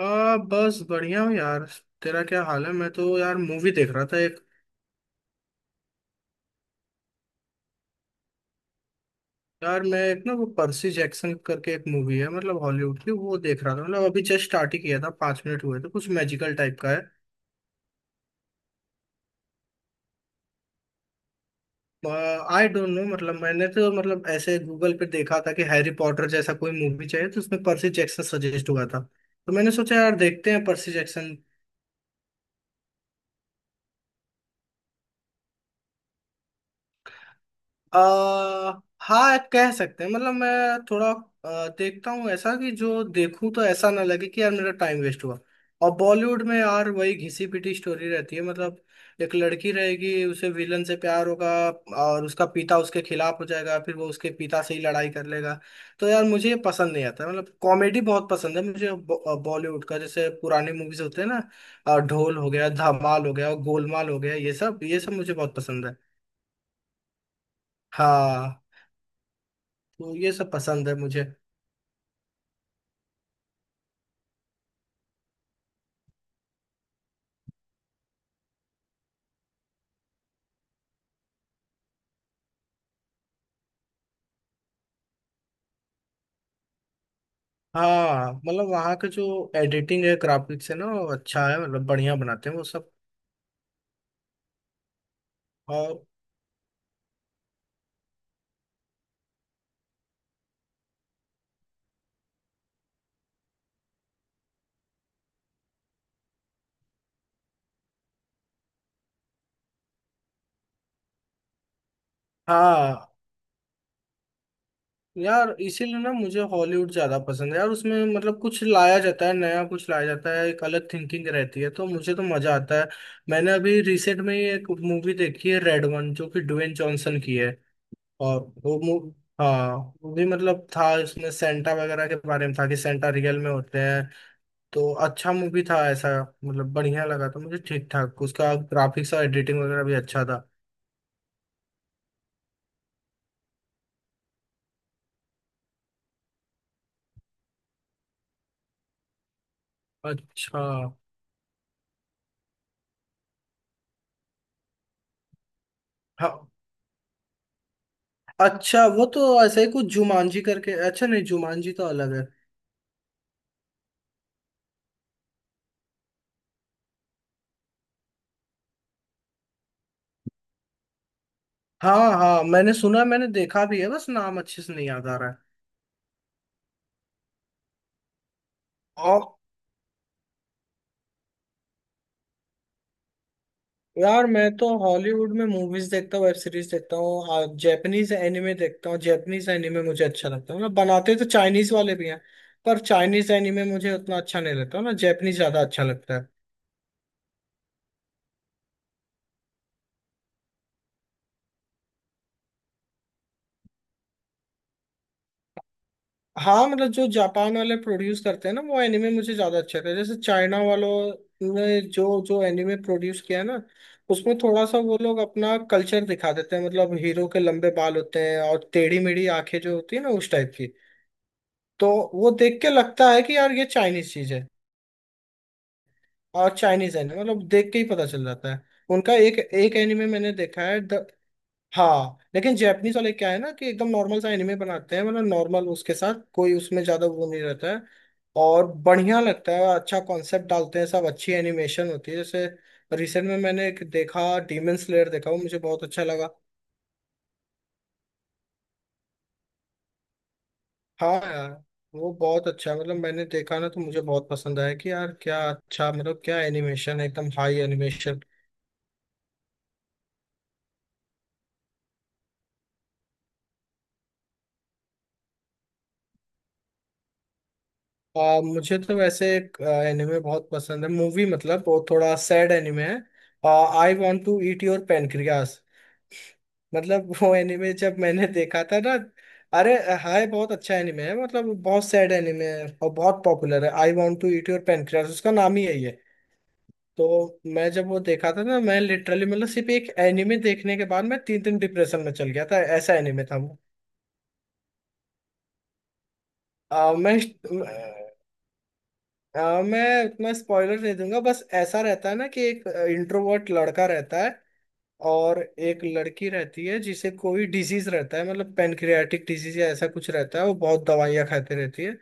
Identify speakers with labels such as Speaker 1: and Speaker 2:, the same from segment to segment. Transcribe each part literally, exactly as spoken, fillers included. Speaker 1: आ, बस बढ़िया हूँ यार। तेरा क्या हाल है? मैं तो यार मूवी देख रहा था एक। यार मैं एक ना, वो पर्सी जैक्सन करके एक मूवी है, मतलब हॉलीवुड की, वो देख रहा था। मतलब अभी जस्ट स्टार्ट ही किया था, पाँच मिनट हुए थे। कुछ मैजिकल टाइप का है। आई डोंट नो, मतलब मैंने तो मतलब ऐसे गूगल पे देखा था कि हैरी पॉटर जैसा कोई मूवी चाहिए, तो उसमें पर्सी जैक्सन सजेस्ट हुआ था। तो मैंने सोचा यार, देखते हैं पर्सी जैक्सन। आ, हाँ, कह सकते हैं। मतलब मैं थोड़ा अ, देखता हूँ ऐसा कि जो देखूं तो ऐसा ना लगे कि यार मेरा टाइम वेस्ट हुआ। और बॉलीवुड में यार वही घिसी पिटी स्टोरी रहती है, मतलब एक लड़की रहेगी, उसे विलन से प्यार होगा, और उसका पिता उसके खिलाफ हो जाएगा, फिर वो उसके पिता से ही लड़ाई कर लेगा। तो यार मुझे ये पसंद नहीं आता। मतलब कॉमेडी बहुत पसंद है मुझे बॉलीवुड का, जैसे पुराने मूवीज होते हैं ना, अ, ढोल हो गया, धमाल हो गया, गोलमाल हो गया, ये सब ये सब मुझे बहुत पसंद है। हाँ। तो ये सब पसंद है मुझे। हाँ, मतलब वहाँ का जो एडिटिंग है, ग्राफिक्स है ना, वो अच्छा है। मतलब बढ़िया बनाते हैं वो सब। और हाँ, यार इसीलिए ना मुझे हॉलीवुड ज्यादा पसंद है यार। उसमें मतलब कुछ लाया जाता है नया, कुछ लाया जाता है, एक अलग थिंकिंग रहती है, तो मुझे तो मजा आता है। मैंने अभी रिसेंट में ही एक मूवी देखी है, रेड वन, जो कि ड्वेन जॉनसन की है। और वो मूव हाँ, वो भी मतलब था इसमें सेंटा वगैरह के बारे में, था कि सेंटा रियल में होते हैं। तो अच्छा मूवी था ऐसा, मतलब बढ़िया लगा था मुझे। ठीक ठाक उसका ग्राफिक्स और एडिटिंग वगैरह भी अच्छा था। अच्छा। हाँ। अच्छा वो तो ऐसे ही कुछ जुमानजी करके, अच्छा नहीं, जुमानजी तो अलग है। हाँ हाँ, मैंने सुना, मैंने देखा भी है, बस नाम अच्छे से नहीं याद आ रहा है। और यार मैं तो हॉलीवुड में मूवीज देखता हूँ, वेब सीरीज देखता हूँ, जैपनीज एनिमे देखता हूँ। जैपनीज एनिमे मुझे अच्छा लगता है। मतलब बनाते तो चाइनीज वाले भी हैं, पर चाइनीज एनिमे मुझे उतना अच्छा नहीं लगता ना, जैपनीज ज्यादा अच्छा लगता है। हाँ, मतलब जो जापान वाले प्रोड्यूस करते हैं ना, वो एनिमे मुझे ज्यादा अच्छे लगते हैं। जैसे चाइना वालों ने जो जो एनिमे प्रोड्यूस किया है ना, उसमें थोड़ा सा वो लोग अपना कल्चर दिखा देते हैं। मतलब हीरो के लंबे बाल होते हैं और टेढ़ी मेढ़ी आंखें जो होती है ना उस टाइप की। तो वो देख के लगता है कि यार ये चाइनीज चीज है। और चाइनीज है ना, मतलब देख के ही पता चल जाता है। उनका एक एक एनिमे मैंने देखा है। हाँ, लेकिन जैपनीज वाले क्या है ना कि एकदम नॉर्मल सा एनिमे बनाते हैं। मतलब नॉर्मल, उसके साथ कोई उसमें ज्यादा वो नहीं रहता है। और बढ़िया लगता है, अच्छा कॉन्सेप्ट डालते हैं सब, अच्छी एनिमेशन होती है। जैसे रिसेंट में मैंने एक देखा, डीमन स्लेयर देखा, वो मुझे बहुत अच्छा लगा। हाँ यार, वो बहुत अच्छा है। मतलब मैंने देखा ना, तो मुझे बहुत पसंद आया कि यार क्या अच्छा, मतलब क्या एनिमेशन है, एकदम हाई एनिमेशन। आ, मुझे तो वैसे एक एनिमे बहुत पसंद है मूवी, मतलब वो थोड़ा सैड एनिमे है। I want to eat your pancreas. मतलब वो एनिमे जब मैंने देखा था ना, अरे, हाय बहुत अच्छा एनिमे है, मतलब बहुत सैड एनिमे है और बहुत पॉपुलर है। I want to eat your pancreas, उसका नाम ही यही है। तो मैं जब वो देखा था ना, मैं लिटरली, मतलब सिर्फ एक एनिमे देखने के बाद मैं तीन दिन डिप्रेशन में चल गया था। ऐसा एनिमे था वो। आ, मैं आ, मैं उतना स्पॉइलर नहीं दूंगा। बस ऐसा रहता है ना कि एक इंट्रोवर्ट लड़का रहता है और एक लड़की रहती है जिसे कोई डिजीज रहता है। मतलब पेनक्रियाटिक डिजीज या ऐसा कुछ रहता है, वो बहुत दवाइयाँ खाते रहती है।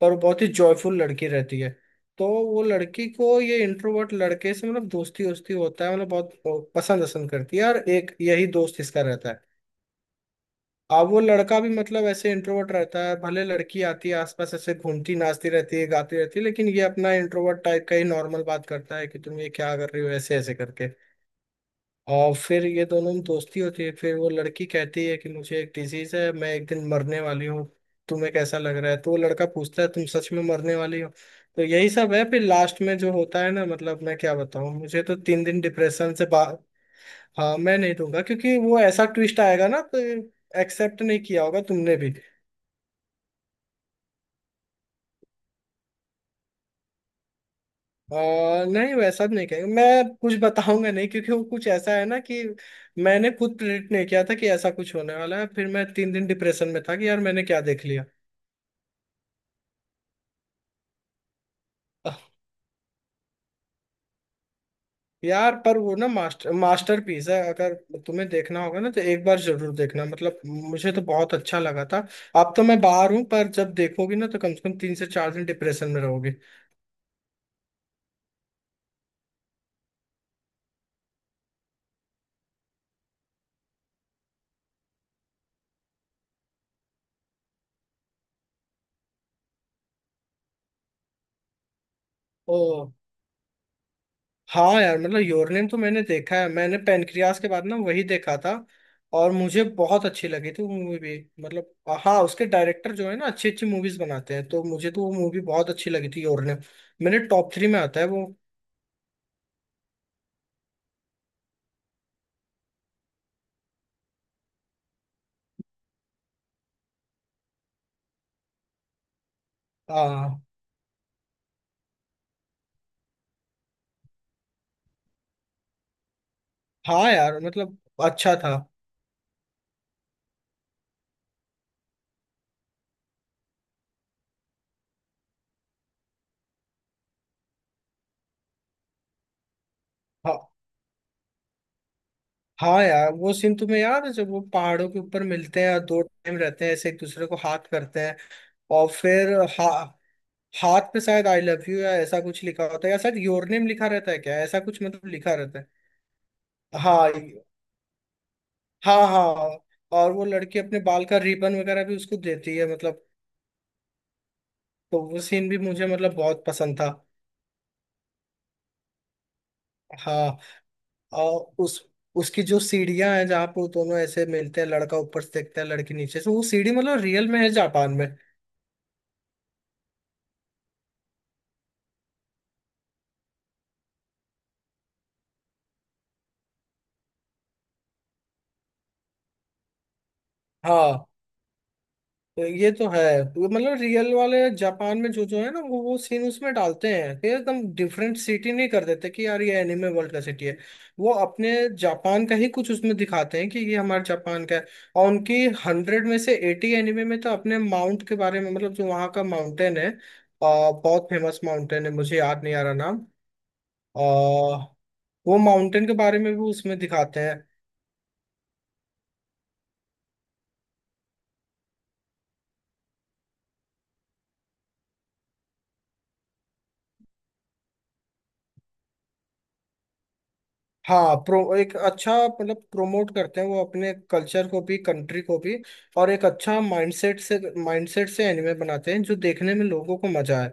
Speaker 1: पर वो बहुत ही जॉयफुल लड़की रहती है। तो वो लड़की को ये इंट्रोवर्ट लड़के से मतलब दोस्ती वोस्ती होता है, मतलब बहुत पसंद वसंद करती है, और एक यही दोस्त इसका रहता है। अब वो लड़का भी मतलब ऐसे इंट्रोवर्ट रहता है, भले लड़की आती है आसपास ऐसे घूमती नाचती रहती है, गाती रहती है, लेकिन ये अपना इंट्रोवर्ट टाइप का ही नॉर्मल बात करता है कि तुम ये क्या कर रही हो, ऐसे ऐसे करके। और फिर ये दोनों में दोस्ती होती है। फिर वो लड़की कहती है कि मुझे एक डिजीज है, मैं एक दिन मरने वाली हूँ, तुम्हें कैसा लग रहा है? तो वो लड़का पूछता है तुम सच में मरने वाली हो? तो यही सब है। फिर लास्ट में जो होता है ना, मतलब मैं क्या बताऊँ, मुझे तो तीन दिन डिप्रेशन से बा हाँ, मैं नहीं दूंगा, क्योंकि वो ऐसा ट्विस्ट आएगा ना, तो एक्सेप्ट नहीं किया होगा तुमने भी। आ, नहीं, वैसा भी नहीं कहेंगे। मैं कुछ बताऊंगा नहीं, क्योंकि वो कुछ ऐसा है ना कि मैंने खुद प्रेडिक्ट नहीं किया था कि ऐसा कुछ होने वाला है। फिर मैं तीन दिन डिप्रेशन में था कि यार मैंने क्या देख लिया। यार पर वो ना मास्टर मास्टरपीस है। अगर तुम्हें देखना होगा ना, तो एक बार जरूर देखना। मतलब मुझे तो बहुत अच्छा लगा था। अब तो मैं बाहर हूँ, पर जब देखोगी ना, तो कम से कम तीन से चार दिन डिप्रेशन में रहोगी। ओ हाँ यार, मतलब योरनेम तो मैंने देखा है। मैंने पेनक्रियास के बाद ना वही देखा था। और मुझे बहुत अच्छी लगी थी वो मूवी भी। मतलब हाँ, उसके डायरेक्टर जो है ना, अच्छी अच्छी मूवीज बनाते हैं, तो मुझे तो वो मूवी बहुत अच्छी लगी थी, योरनेम। मेरे टॉप थ्री में आता है वो। आ, हाँ यार, मतलब अच्छा था। हाँ। हाँ यार, वो सीन तुम्हें याद है जब वो पहाड़ों के ऊपर मिलते हैं और दो टाइम रहते हैं, ऐसे एक दूसरे को हाथ करते हैं, और फिर हा, हाथ पे शायद आई लव यू या ऐसा कुछ लिखा होता है, या शायद योर नेम लिखा रहता है क्या, ऐसा कुछ मतलब लिखा रहता है। हाँ ये- हाँ हाँ। और वो लड़की अपने बाल का रिबन वगैरह भी उसको देती है, मतलब तो वो सीन भी मुझे मतलब बहुत पसंद था। हाँ। और उस उसकी जो सीढ़ियां हैं, जहाँ पे वो दोनों ऐसे मिलते हैं, लड़का ऊपर से देखता है, लड़की नीचे से, वो सीढ़ी मतलब रियल में है जापान में। हाँ, तो ये तो है। वो मतलब रियल वाले जापान में जो जो है ना, वो वो सीन उसमें डालते हैं, कि एकदम डिफरेंट सिटी नहीं कर देते कि यार ये एनिमे वर्ल्ड का सिटी है। वो अपने जापान का ही कुछ उसमें दिखाते हैं, कि ये हमारे जापान का है। और उनकी हंड्रेड में से एटी एनिमे में तो अपने माउंट के बारे में, मतलब जो वहाँ का माउंटेन है, आ, बहुत फेमस माउंटेन है, मुझे याद नहीं आ रहा नाम। आ, वो माउंटेन के बारे में भी उसमें दिखाते हैं। हाँ, प्रो एक अच्छा मतलब प्रोमोट करते हैं वो अपने कल्चर को भी, कंट्री को भी। और एक अच्छा माइंडसेट से माइंडसेट से एनिमे बनाते हैं जो देखने में लोगों को मजा आए।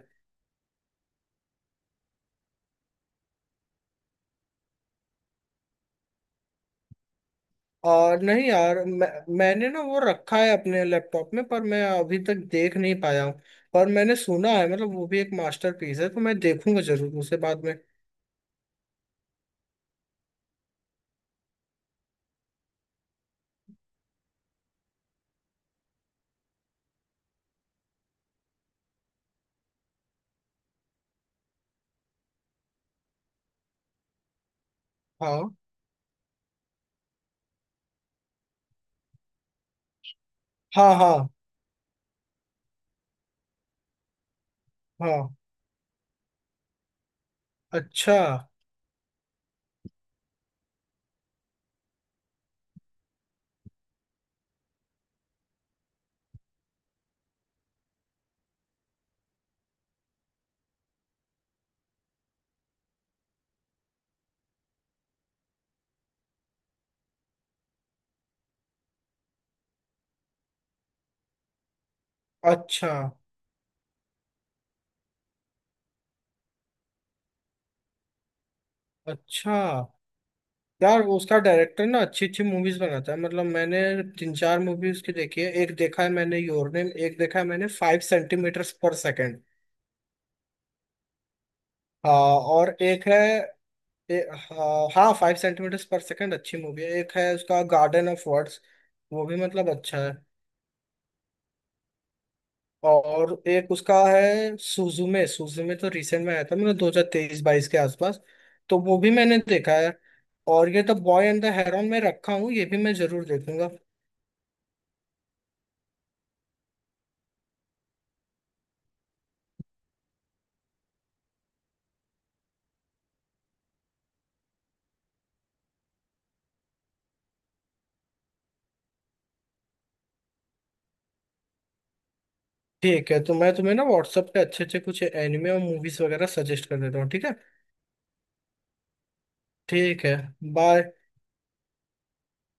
Speaker 1: और नहीं यार, मैं, मैंने ना वो रखा है अपने लैपटॉप में, पर मैं अभी तक देख नहीं पाया हूँ। पर मैंने सुना है, मतलब वो भी एक मास्टरपीस है, तो मैं देखूंगा जरूर उसे बाद में। हाँ हाँ हाँ हाँ। अच्छा अच्छा अच्छा। यार उसका डायरेक्टर ना अच्छी अच्छी मूवीज बनाता है। मतलब मैंने तीन चार मूवी उसकी देखी है। एक देखा है मैंने योर नेम, एक देखा है मैंने फाइव सेंटीमीटर पर सेकेंड। हाँ। और एक है, ए, हाँ हाँ, फाइव सेंटीमीटर पर सेकेंड अच्छी मूवी है। एक है उसका गार्डन ऑफ वर्ड्स, वो भी मतलब अच्छा है। और एक उसका है सुजुमे। सुजुमे तो रिसेंट में आया था, मतलब दो हजार तेईस बाईस के आसपास। तो वो भी मैंने देखा है। और ये the boy and the heron में रखा हूँ, ये भी मैं जरूर देखूंगा। ठीक है, तो मैं तुम्हें ना व्हाट्सएप पे अच्छे अच्छे कुछ एनिमे और मूवीज वगैरह सजेस्ट कर देता हूँ, ठीक है? ठीक है। बाय।